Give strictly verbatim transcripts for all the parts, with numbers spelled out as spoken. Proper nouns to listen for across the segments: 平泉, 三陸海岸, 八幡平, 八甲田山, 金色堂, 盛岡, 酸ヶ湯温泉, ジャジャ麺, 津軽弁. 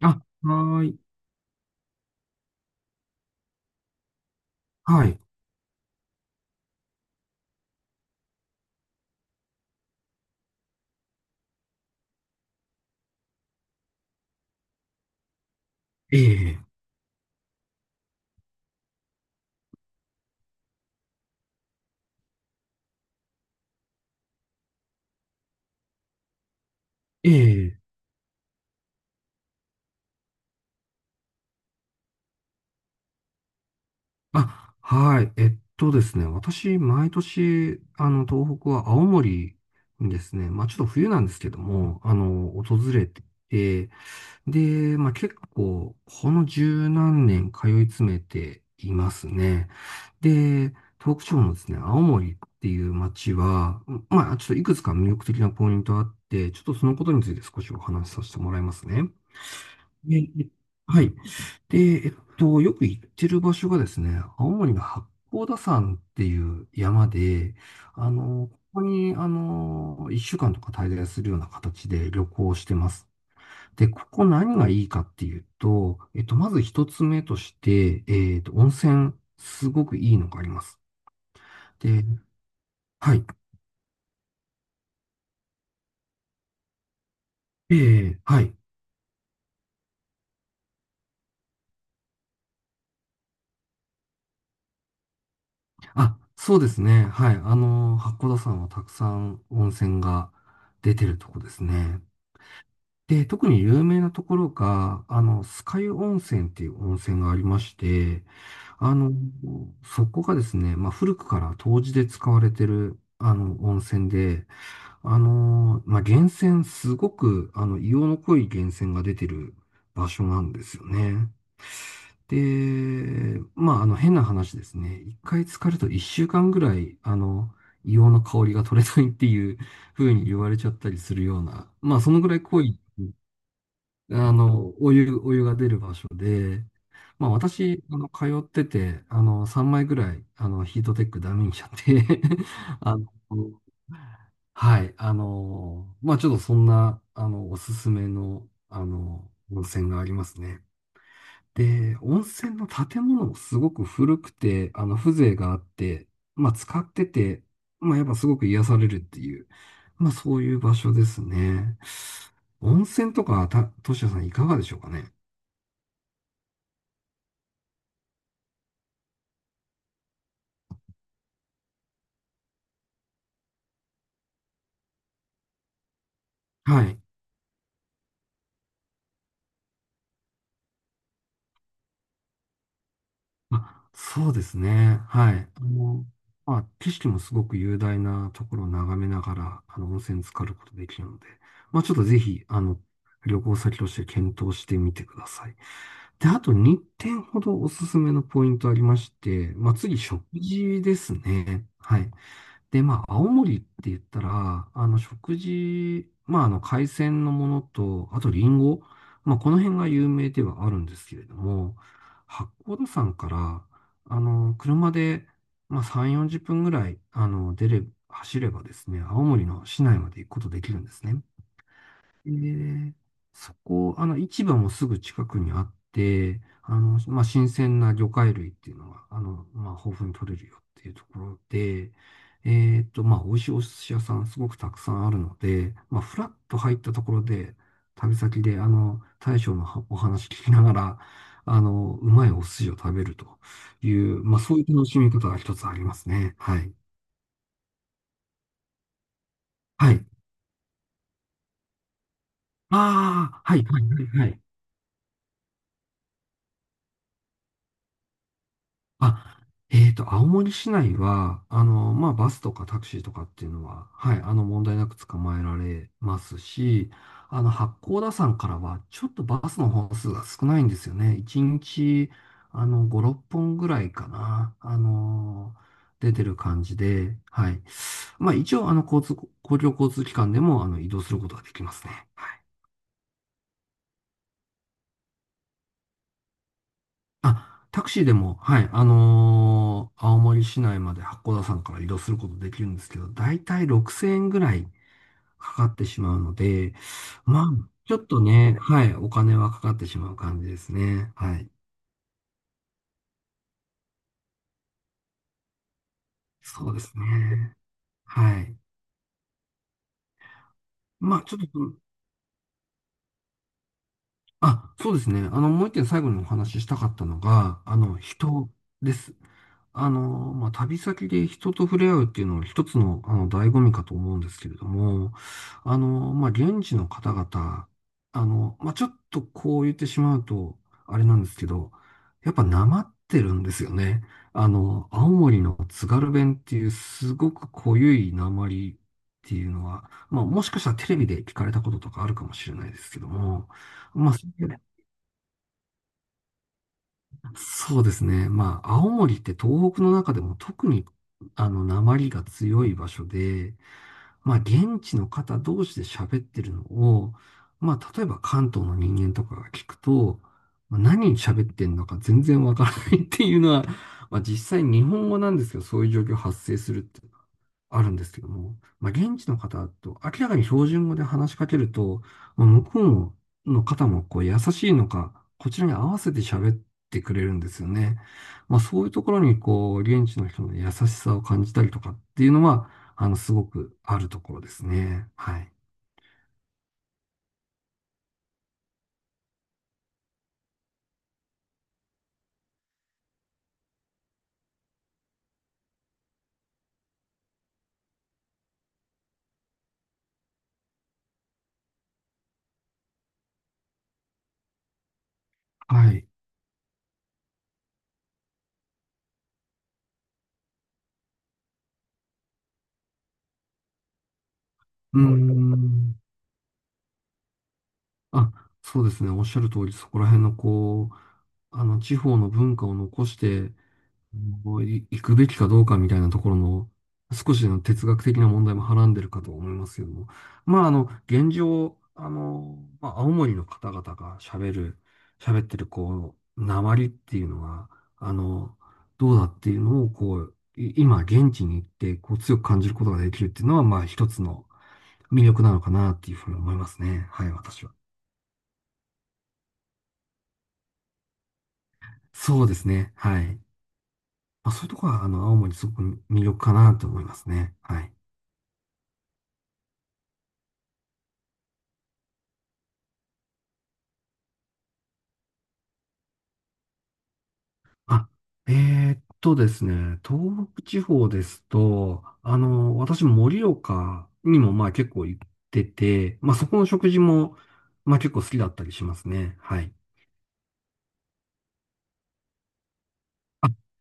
あ、はーい。はい。ええ、ええ。あ、はい。えっとですね。私、毎年、あの、東北は青森にですね、まあ、ちょっと冬なんですけども、あの、訪れてて、で、まあ、結構、このじゅうなんねん通い詰めていますね。で、東北地方のですね、青森っていう街は、まあ、ちょっといくつか魅力的なポイントあって、ちょっとそのことについて少しお話しさせてもらいますね。で、はい。で、えっと、よく行ってる場所がですね、青森の八甲田山っていう山で、あの、ここに、あの、一週間とか滞在するような形で旅行してます。で、ここ何がいいかっていうと、えっと、まず一つ目として、えっと、温泉、すごくいいのがあります。で、はい。ええ、はい。あ、そうですね。はい。あの、八甲田山はたくさん温泉が出てるとこですね。で、特に有名なところが、あの、酸ヶ湯温泉っていう温泉がありまして、あの、そこがですね、まあ、古くから湯治で使われてる、あの、温泉で、あの、まあ、源泉、すごく、あの、硫黄の濃い源泉が出てる場所なんですよね。で、まあ、あの、変な話ですね。いっかい浸かると一週間ぐらい、あの、硫黄の香りが取れないっていう風に言われちゃったりするような、まあ、そのぐらい濃いあの、お湯、お湯が出る場所で、まあ私、あの、通ってて、あの、さんまいぐらい、あの、ヒートテックダメにしちゃって あの、はい、あの、まあちょっとそんな、あの、おすすめの、あの、温泉がありますね。で、温泉の建物もすごく古くて、あの、風情があって、まあ使ってて、まあやっぱすごく癒されるっていう、まあそういう場所ですね。温泉とか、た、としやさんいかがでしょうかね？はい。あ、そうですね。はい。あの、まあ、景色もすごく雄大なところを眺めながら、あの、温泉浸かることできるので、まあ、ちょっとぜひ、あの、旅行先として検討してみてください。で、あとにてんほどおすすめのポイントありまして、まあ、次、食事ですね。はい。で、まあ、青森って言ったら、あの、食事、まあ、あの、海鮮のものと、あと、リンゴ、まあ、この辺が有名ではあるんですけれども、八甲田山から、あの、車で、まあ、さん、よんじゅっぷんぐらい、あの、出れ、走ればですね、青森の市内まで行くことできるんですね。えーそこ、あの、市場もすぐ近くにあって、あの、まあ、新鮮な魚介類っていうのが、あの、まあ、豊富に取れるよっていうところで、えっと、まあ、美味しいお寿司屋さんすごくたくさんあるので、まあ、フラッと入ったところで、旅先で、あの、大将のはお話聞きながら、あの、うまいお寿司を食べるという、まあ、そういう楽しみ方が一つありますね。はい。はい。ああ、はい、はい、はい、はい。あ、えっと、青森市内は、あの、まあ、バスとかタクシーとかっていうのは、はい、あの、問題なく捕まえられますし、あの、八甲田山からは、ちょっとバスの本数が少ないんですよね。いちにち、あの、ご、ろっぽんぐらいかな、あの、出てる感じで、はい。まあ、一応、あの、交通、公共交通機関でも、あの、移動することができますね。はい。あ、タクシーでも、はい、あのー青森市内まで八甲田山から移動することできるんですけど、だいたいろくせんえんぐらいかかってしまうので、まあ、ちょっとね、はい、お金はかかってしまう感じですね。はい。そうですね。はい。まあ、ちょっと、あ、そうですね。あの、もう一点最後にお話ししたかったのが、あの、人です。あの、まあ、旅先で人と触れ合うっていうのは一つの、あの、醍醐味かと思うんですけれども、あの、まあ、現地の方々、あの、まあ、ちょっとこう言ってしまうと、あれなんですけど、やっぱなまってるんですよね。あの、青森の津軽弁っていうすごく濃ゆいなまりっていうのは、まあ、もしかしたらテレビで聞かれたこととかあるかもしれないですけども、まあ、そうですね。まあ、青森って東北の中でも特に、あの、訛りが強い場所で、まあ、現地の方同士で喋ってるのを、まあ、例えば関東の人間とかが聞くと、まあ何喋ってんのか全然わからないっていうのは、まあ、実際日本語なんですけど、そういう状況発生するってあるんですけども、まあ、現地の方と明らかに標準語で話しかけると、まあ、向こうの方もこう優しいのか、こちらに合わせて喋ってくれるんですよね。まあ、そういうところにこう、現地の人の優しさを感じたりとかっていうのは、あの、すごくあるところですね。はい。はい。うーん。あ、そうですね。おっしゃる通り、そこら辺のこう、あの、地方の文化を残して、こうい行くべきかどうかみたいなところの少しの哲学的な問題もはらんでるかと思いますけども。まあ、あの、現状、あの、まあ、青森の方々が喋る、喋ってる、こう、訛りっていうのは、あの、どうだっていうのを、こう、い今、現地に行って、こう、強く感じることができるっていうのは、まあ、一つの魅力なのかなっていうふうに思いますね。はい、私は。そうですね。はい。まあ、そういうところは、あの、青森すごく魅力かなと思いますね。はい。あ、えーっとですね、東北地方ですと、あの、私、盛岡にもまあ結構行ってて、まあそこの食事もまあ結構好きだったりしますね。はい。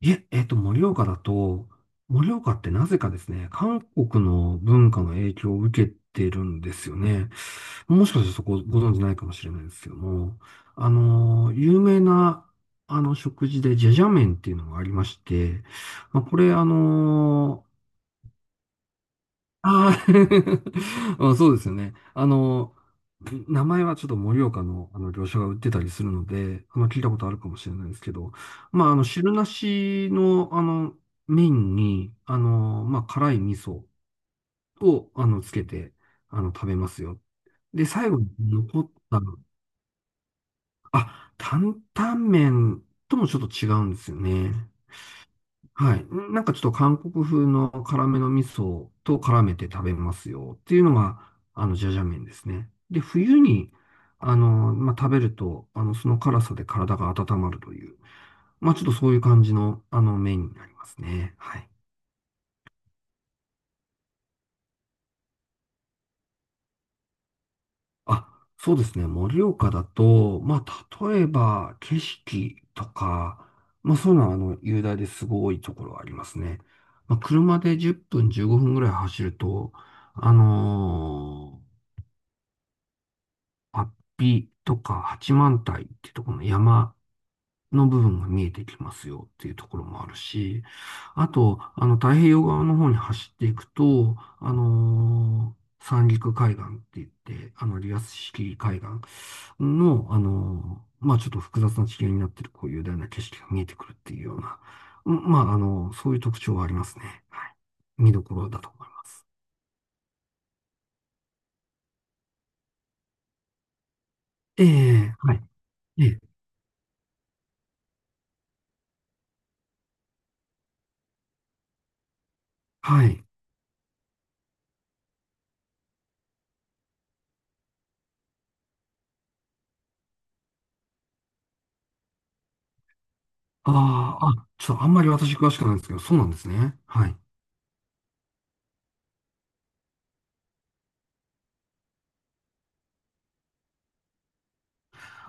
いえ、えーっと、盛岡だと、盛岡ってなぜかですね、韓国の文化の影響を受けてるんですよね。もしかしてそこご存知ないかもしれないですけども、あの、有名な、あの食事でジャジャ麺っていうのがありまして、まあ、これ、あのあー あうん、そうですよね。あの、名前はちょっと盛岡の、あの業者が売ってたりするので、あの聞いたことあるかもしれないですけど、まあ、あの、汁なしの、あの、麺に、あの、まあ、辛い味噌を、あの、つけて、あの、食べますよ。で、最後に残ったの、あ、担々麺ともちょっと違うんですよね。はい。なんかちょっと韓国風の辛めの味噌と絡めて食べますよっていうのが、あの、ジャジャ麺ですね。で、冬に、あの、まあ、食べると、あの、その辛さで体が温まるという、まあ、ちょっとそういう感じの、あの、麺になりますね。はい。あ、そうですね。盛岡だと、まあ、例えば、景色とか、まあ、そういうのは、あの、雄大ですごいところはありますね。まあ、車でじゅっぷん、じゅうごふんぐらい走ると、あのー八臂とか八幡平っていうところの山の部分が見えてきますよっていうところもあるし、あと、あの、太平洋側の方に走っていくと、あのー三陸海岸って言って、あの、リアス式海岸の、あのーまあ、ちょっと複雑な地形になってる、こういう雄大な景色が見えてくるっていうような、うん、まあ、あの、そういう特徴はありますね。はい。見どころだと思います。ええ、はい。ええ、はい。ああ、あ、ちょっとあんまり私詳しくないんですけど、そうなんですね。はい。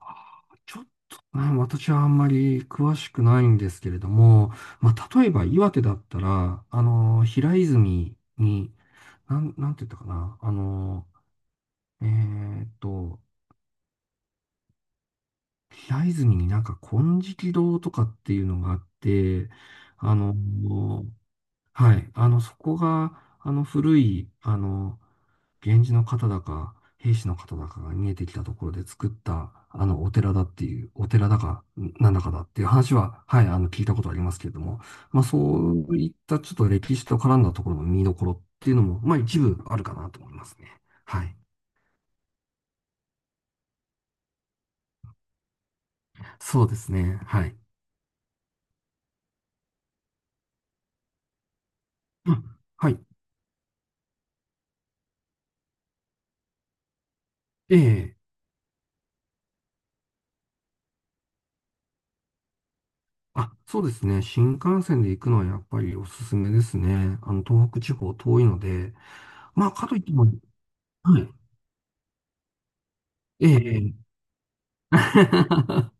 あー、ちょっとね、私はあんまり詳しくないんですけれども、まあ、例えば岩手だったら、あの、平泉に、なん、なんて言ったかな、あの、えーっと、平泉になんか金色堂とかっていうのがあって、あの、はい、あの、そこが、あの、古い、あの、源氏の方だか、兵士の方だかが逃げてきたところで作った、あの、お寺だっていう、お寺だか、なんだかだっていう話は、はい、あの、聞いたことありますけれども、まあ、そういったちょっと歴史と絡んだところの見どころっていうのも、まあ、一部あるかなと思いますね。はい。そうですね。はい。うん。はい。ええ。あ、そうですね。新幹線で行くのはやっぱりおすすめですね。あの、東北地方遠いので、まあ、かといっても、はい。ええ。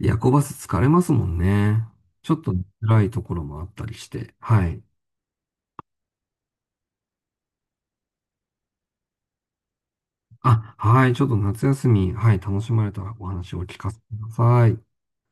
夜行バス疲れますもんね。ちょっと辛いところもあったりして。はい。あ、はい。ちょっと夏休み、はい。楽しまれたらお話を聞かせてください。